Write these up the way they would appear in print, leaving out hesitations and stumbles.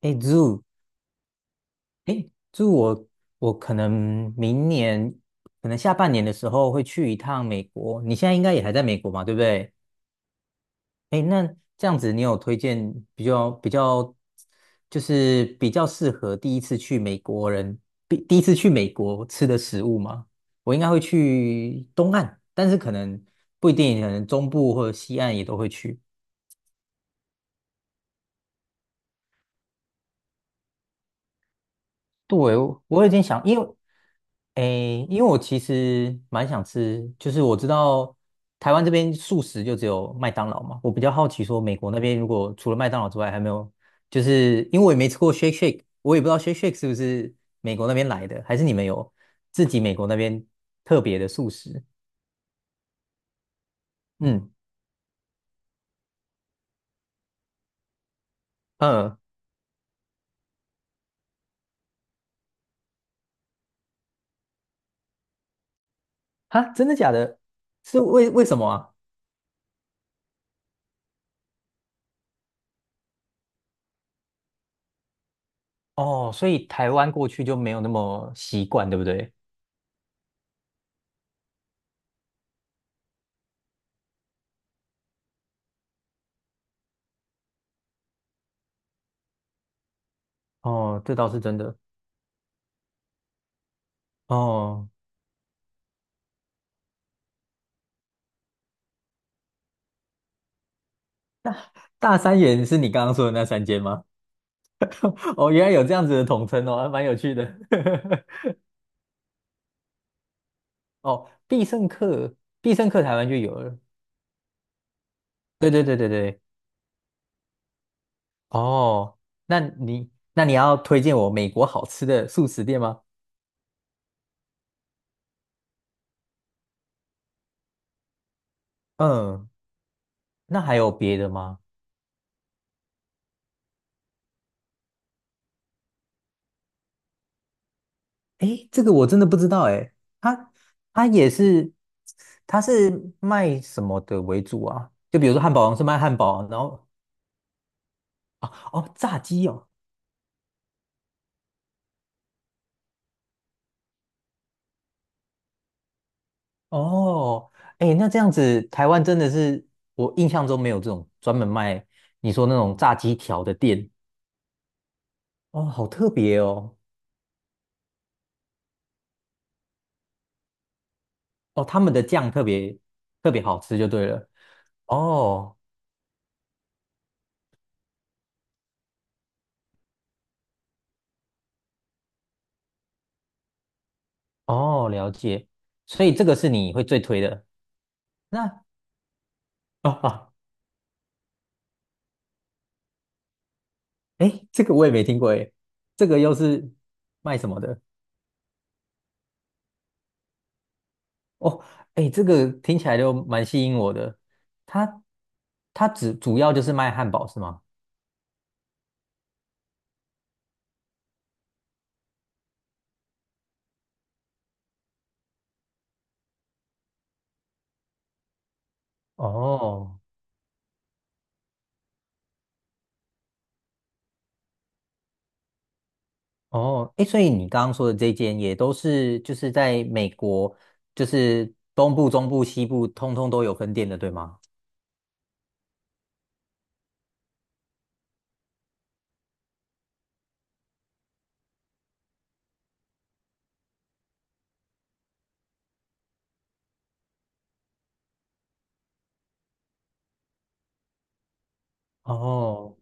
哎，Zoo，哎，Zoo，我可能明年，可能下半年的时候会去一趟美国。你现在应该也还在美国嘛，对不对？哎，那这样子，你有推荐比较比较，就是比较适合第一次去美国人，第一次去美国吃的食物吗？我应该会去东岸，但是可能不一定，可能中部或者西岸也都会去。对，我有已经想，因为我其实蛮想吃，就是我知道台湾这边素食就只有麦当劳嘛，我比较好奇说美国那边如果除了麦当劳之外，还没有，就是因为我也没吃过 Shake Shake，我也不知道 Shake Shake 是不是美国那边来的，还是你们有自己美国那边特别的素食？嗯嗯，哈，真的假的？是为什么啊？哦，所以台湾过去就没有那么习惯，对不对？哦，这倒是真的。哦，大三元是你刚刚说的那三间吗？哦，原来有这样子的统称哦，还蛮有趣的。哦，必胜客，必胜客台湾就有了。对对对对对。哦，那你要推荐我美国好吃的素食店吗？嗯，那还有别的吗？诶，这个我真的不知道诶，它它也是，它是卖什么的为主啊？就比如说汉堡王是卖汉堡，然后哦哦炸鸡哦，哦，哎，那这样子，台湾真的是我印象中没有这种专门卖你说那种炸鸡条的店哦，好特别哦，哦，他们的酱特别特别好吃就对了。哦哦，了解，所以这个是你会最推的。那啊啊，哎，这个我也没听过哎，这个又是卖什么的？哦，哎，这个听起来就蛮吸引我的。它它只主要就是卖汉堡是吗？哦。哦，哎，所以你刚刚说的这间也都是就是在美国，就是东部、中部、西部，通通都有分店的，对吗？哦，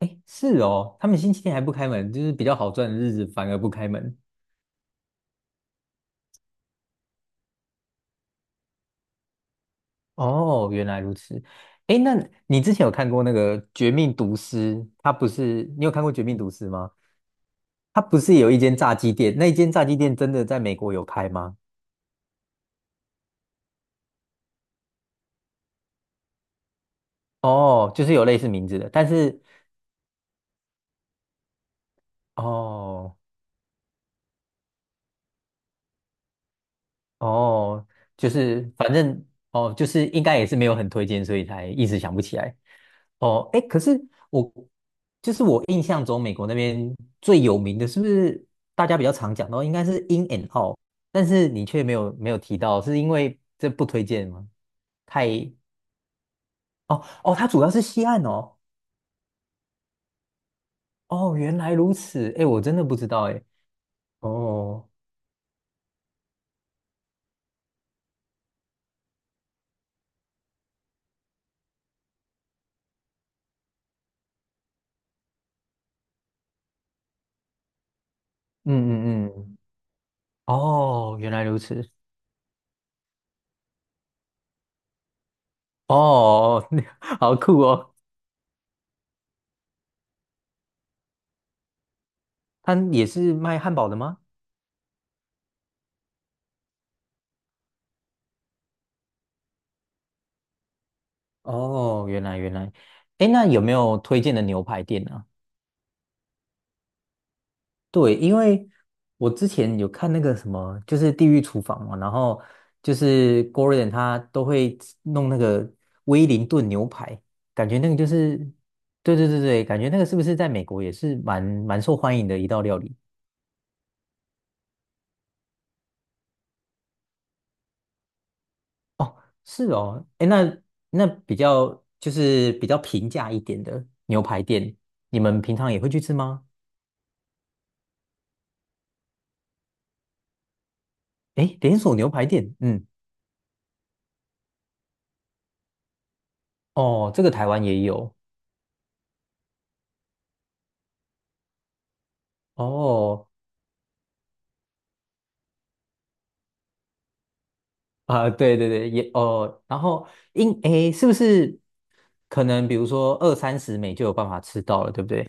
哎，是哦，他们星期天还不开门，就是比较好赚的日子反而不开门。哦，原来如此。哎，那你之前有看过那个《绝命毒师》？他不是，你有看过《绝命毒师》吗？他不是有一间炸鸡店，那一间炸鸡店真的在美国有开吗？哦，就是有类似名字的，但是哦。哦，就是反正哦，就是应该也是没有很推荐，所以才一直想不起来。哦，哎，可是我就是我印象中美国那边最有名的，是不是大家比较常讲到应该是 In and Out，但是你却没有提到，是因为这不推荐吗？太哦哦，它主要是西岸哦。哦，原来如此，哎，我真的不知道哎。哦，嗯嗯嗯，哦，原来如此，哦，好酷哦，他也是卖汉堡的吗？哦，原来原来，哎，那有没有推荐的牛排店啊？对，因为我之前有看那个什么，就是《地狱厨房》嘛，然后就是 Gordon 他都会弄那个威灵顿牛排，感觉那个就是，对对对对，感觉那个是不是在美国也是蛮受欢迎的一道料理？哦，是哦，哎，那那比较就是比较平价一点的牛排店，你们平常也会去吃吗？诶，连锁牛排店，嗯，哦，这个台湾也有，哦，啊，对对对，也哦，然后是不是可能比如说二三十美就有办法吃到了，对不对？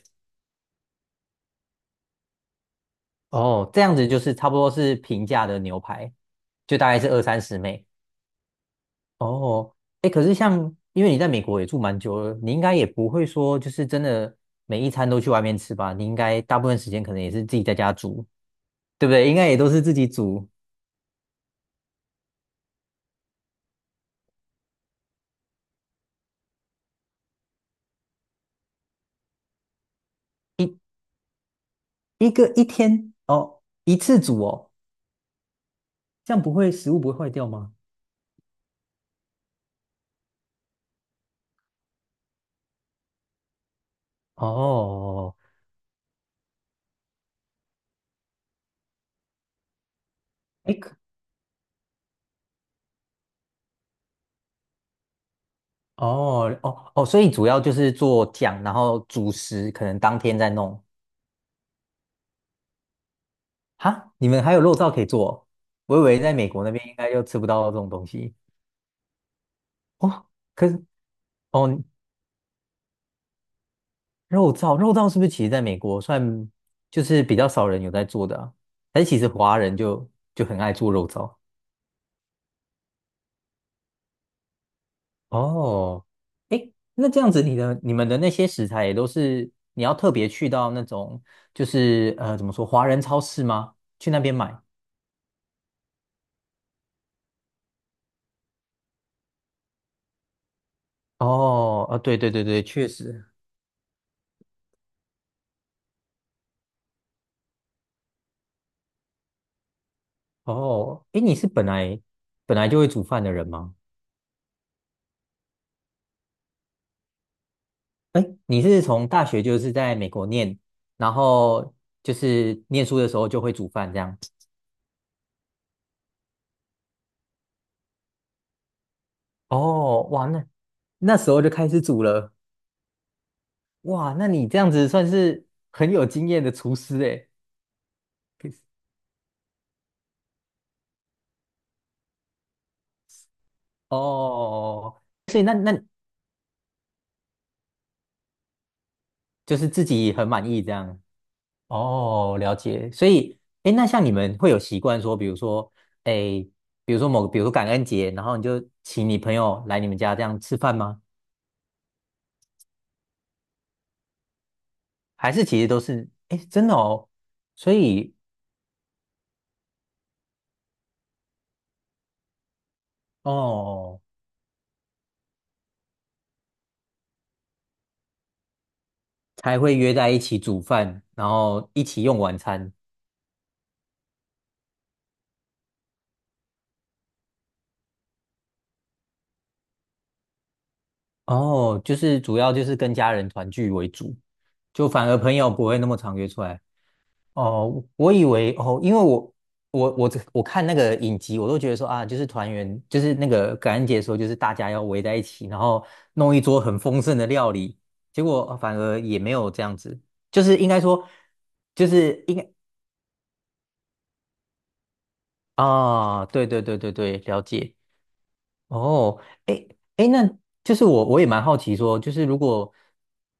哦，这样子就是差不多是平价的牛排，就大概是二三十美。哦，哎，可是像因为你在美国也住蛮久了，你应该也不会说就是真的每一餐都去外面吃吧？你应该大部分时间可能也是自己在家煮，对不对？应该也都是自己煮。一个一天哦，一次煮哦，这样不会食物不会坏掉吗？哦，哎，哦哦哦，所以主要就是做酱，然后主食可能当天再弄。哈，你们还有肉燥可以做哦。我以为在美国那边应该就吃不到这种东西。哦。可是哦，肉燥是不是其实在美国算就是比较少人有在做的啊？还是其实华人就很爱做肉燥？哦，诶，那这样子，你们的那些食材也都是你要特别去到那种，就是怎么说，华人超市吗？去那边买？哦，啊，对对对对，确实。哦，诶，你是本来就会煮饭的人吗？诶，你是从大学就是在美国念，然后就是念书的时候就会煮饭这样？哦，哇，那那时候就开始煮了，哇，那你这样子算是很有经验的厨师诶。哦，所以那就是自己很满意这样。哦，了解。所以，哎，那像你们会有习惯说，比如说，哎，比如说感恩节，然后你就请你朋友来你们家这样吃饭吗？还是其实都是，哎，真的哦，所以哦，才会约在一起煮饭，然后一起用晚餐。哦，就是主要就是跟家人团聚为主，就反而朋友不会那么常约出来。哦，我以为哦，因为我我我这我看那个影集，我都觉得说啊，就是团圆，就是那个感恩节的时候，就是大家要围在一起，然后弄一桌很丰盛的料理，结果反而也没有这样子，就是应该说，就是应该啊，对对对对对，了解。哦，诶诶，那就是我也蛮好奇说，就是如果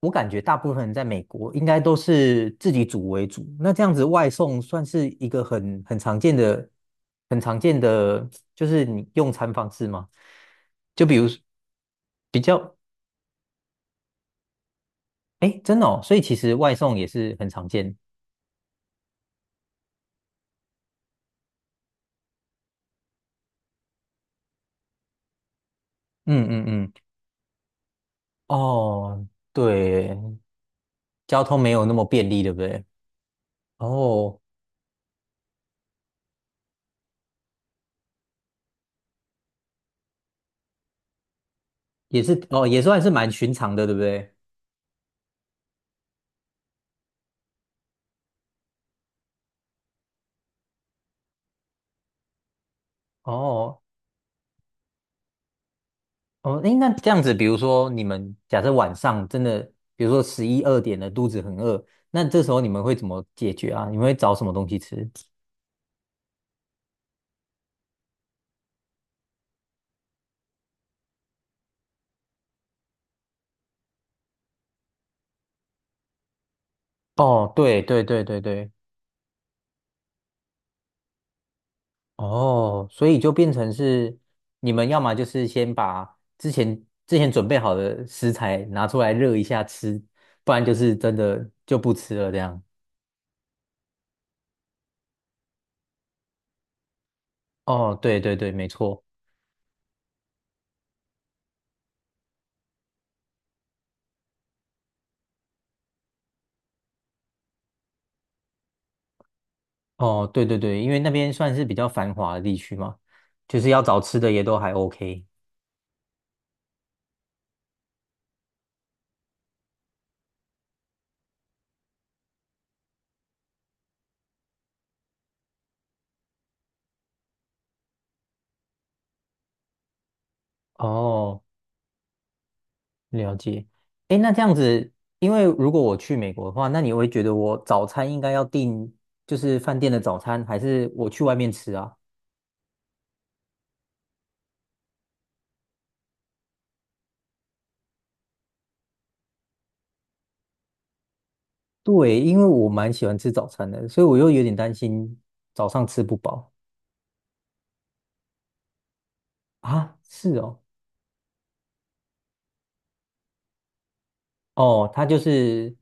我感觉大部分人在美国应该都是自己煮为主，那这样子外送算是一个很常见的，就是你用餐方式吗？就比如比较，诶，真的哦，所以其实外送也是很常见。嗯嗯嗯，哦，对，交通没有那么便利，对不对？哦，也是，哦，也算是蛮寻常的，对不对？哦，哦，诶，那这样子，比如说你们假设晚上真的，比如说十一二点了，肚子很饿，那这时候你们会怎么解决啊？你们会找什么东西吃？哦，对对对对对，哦，所以就变成是你们要么就是先把之前准备好的食材拿出来热一下吃，不然就是真的就不吃了这样。哦，对对对，没错。哦，对对对，因为那边算是比较繁华的地区嘛，就是要找吃的也都还 OK。哦，了解，诶，那这样子，因为如果我去美国的话，那你会觉得我早餐应该要订就是饭店的早餐，还是我去外面吃啊？对，因为我蛮喜欢吃早餐的，所以我又有点担心早上吃不饱啊。是哦，哦，它就是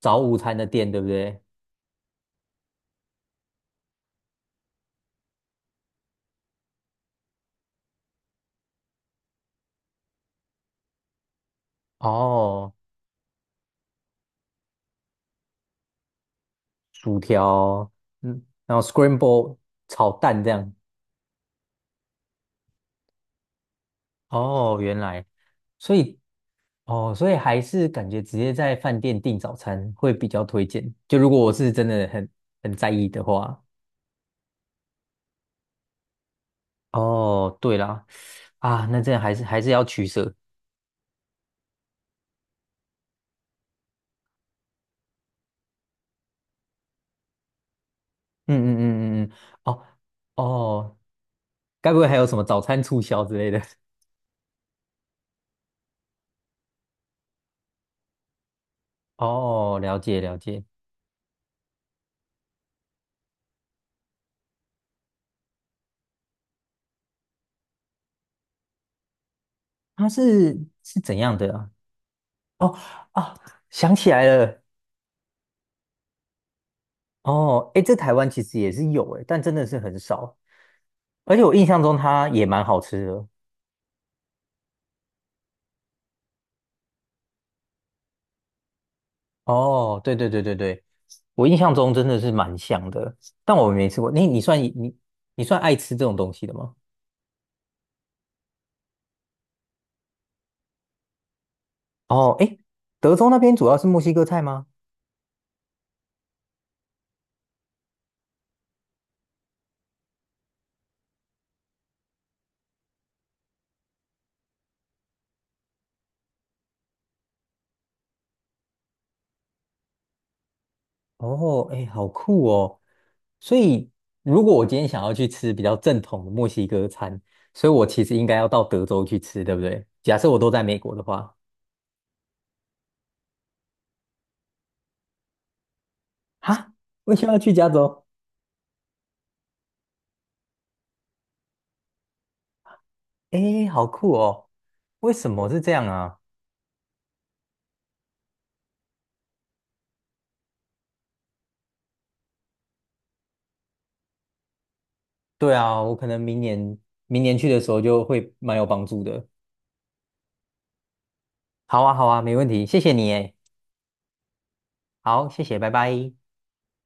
早午餐的店，对不对？哦，薯条，嗯，然后 scramble 炒蛋这样。哦，原来，所以哦，所以还是感觉直接在饭店订早餐会比较推荐。就如果我是真的很在意的话，哦，对啦，啊，那这样还是要取舍。嗯嗯嗯嗯嗯，哦哦，该不会还有什么早餐促销之类的？哦，了解了解，它是怎样的啊？哦，啊，想起来了，哦，诶，这台湾其实也是有诶，但真的是很少，而且我印象中它也蛮好吃的。哦，对对对对对，我印象中真的是蛮像的，但我没吃过。你算爱吃这种东西的吗？哦，诶，德州那边主要是墨西哥菜吗？哦，诶，好酷哦！所以如果我今天想要去吃比较正统的墨西哥餐，所以我其实应该要到德州去吃，对不对？假设我都在美国的话，哈，为什么要去加州？诶，好酷哦！为什么是这样啊？对啊，我可能明年去的时候就会蛮有帮助的。好啊，好啊，没问题，谢谢你诶。好，谢谢，拜拜。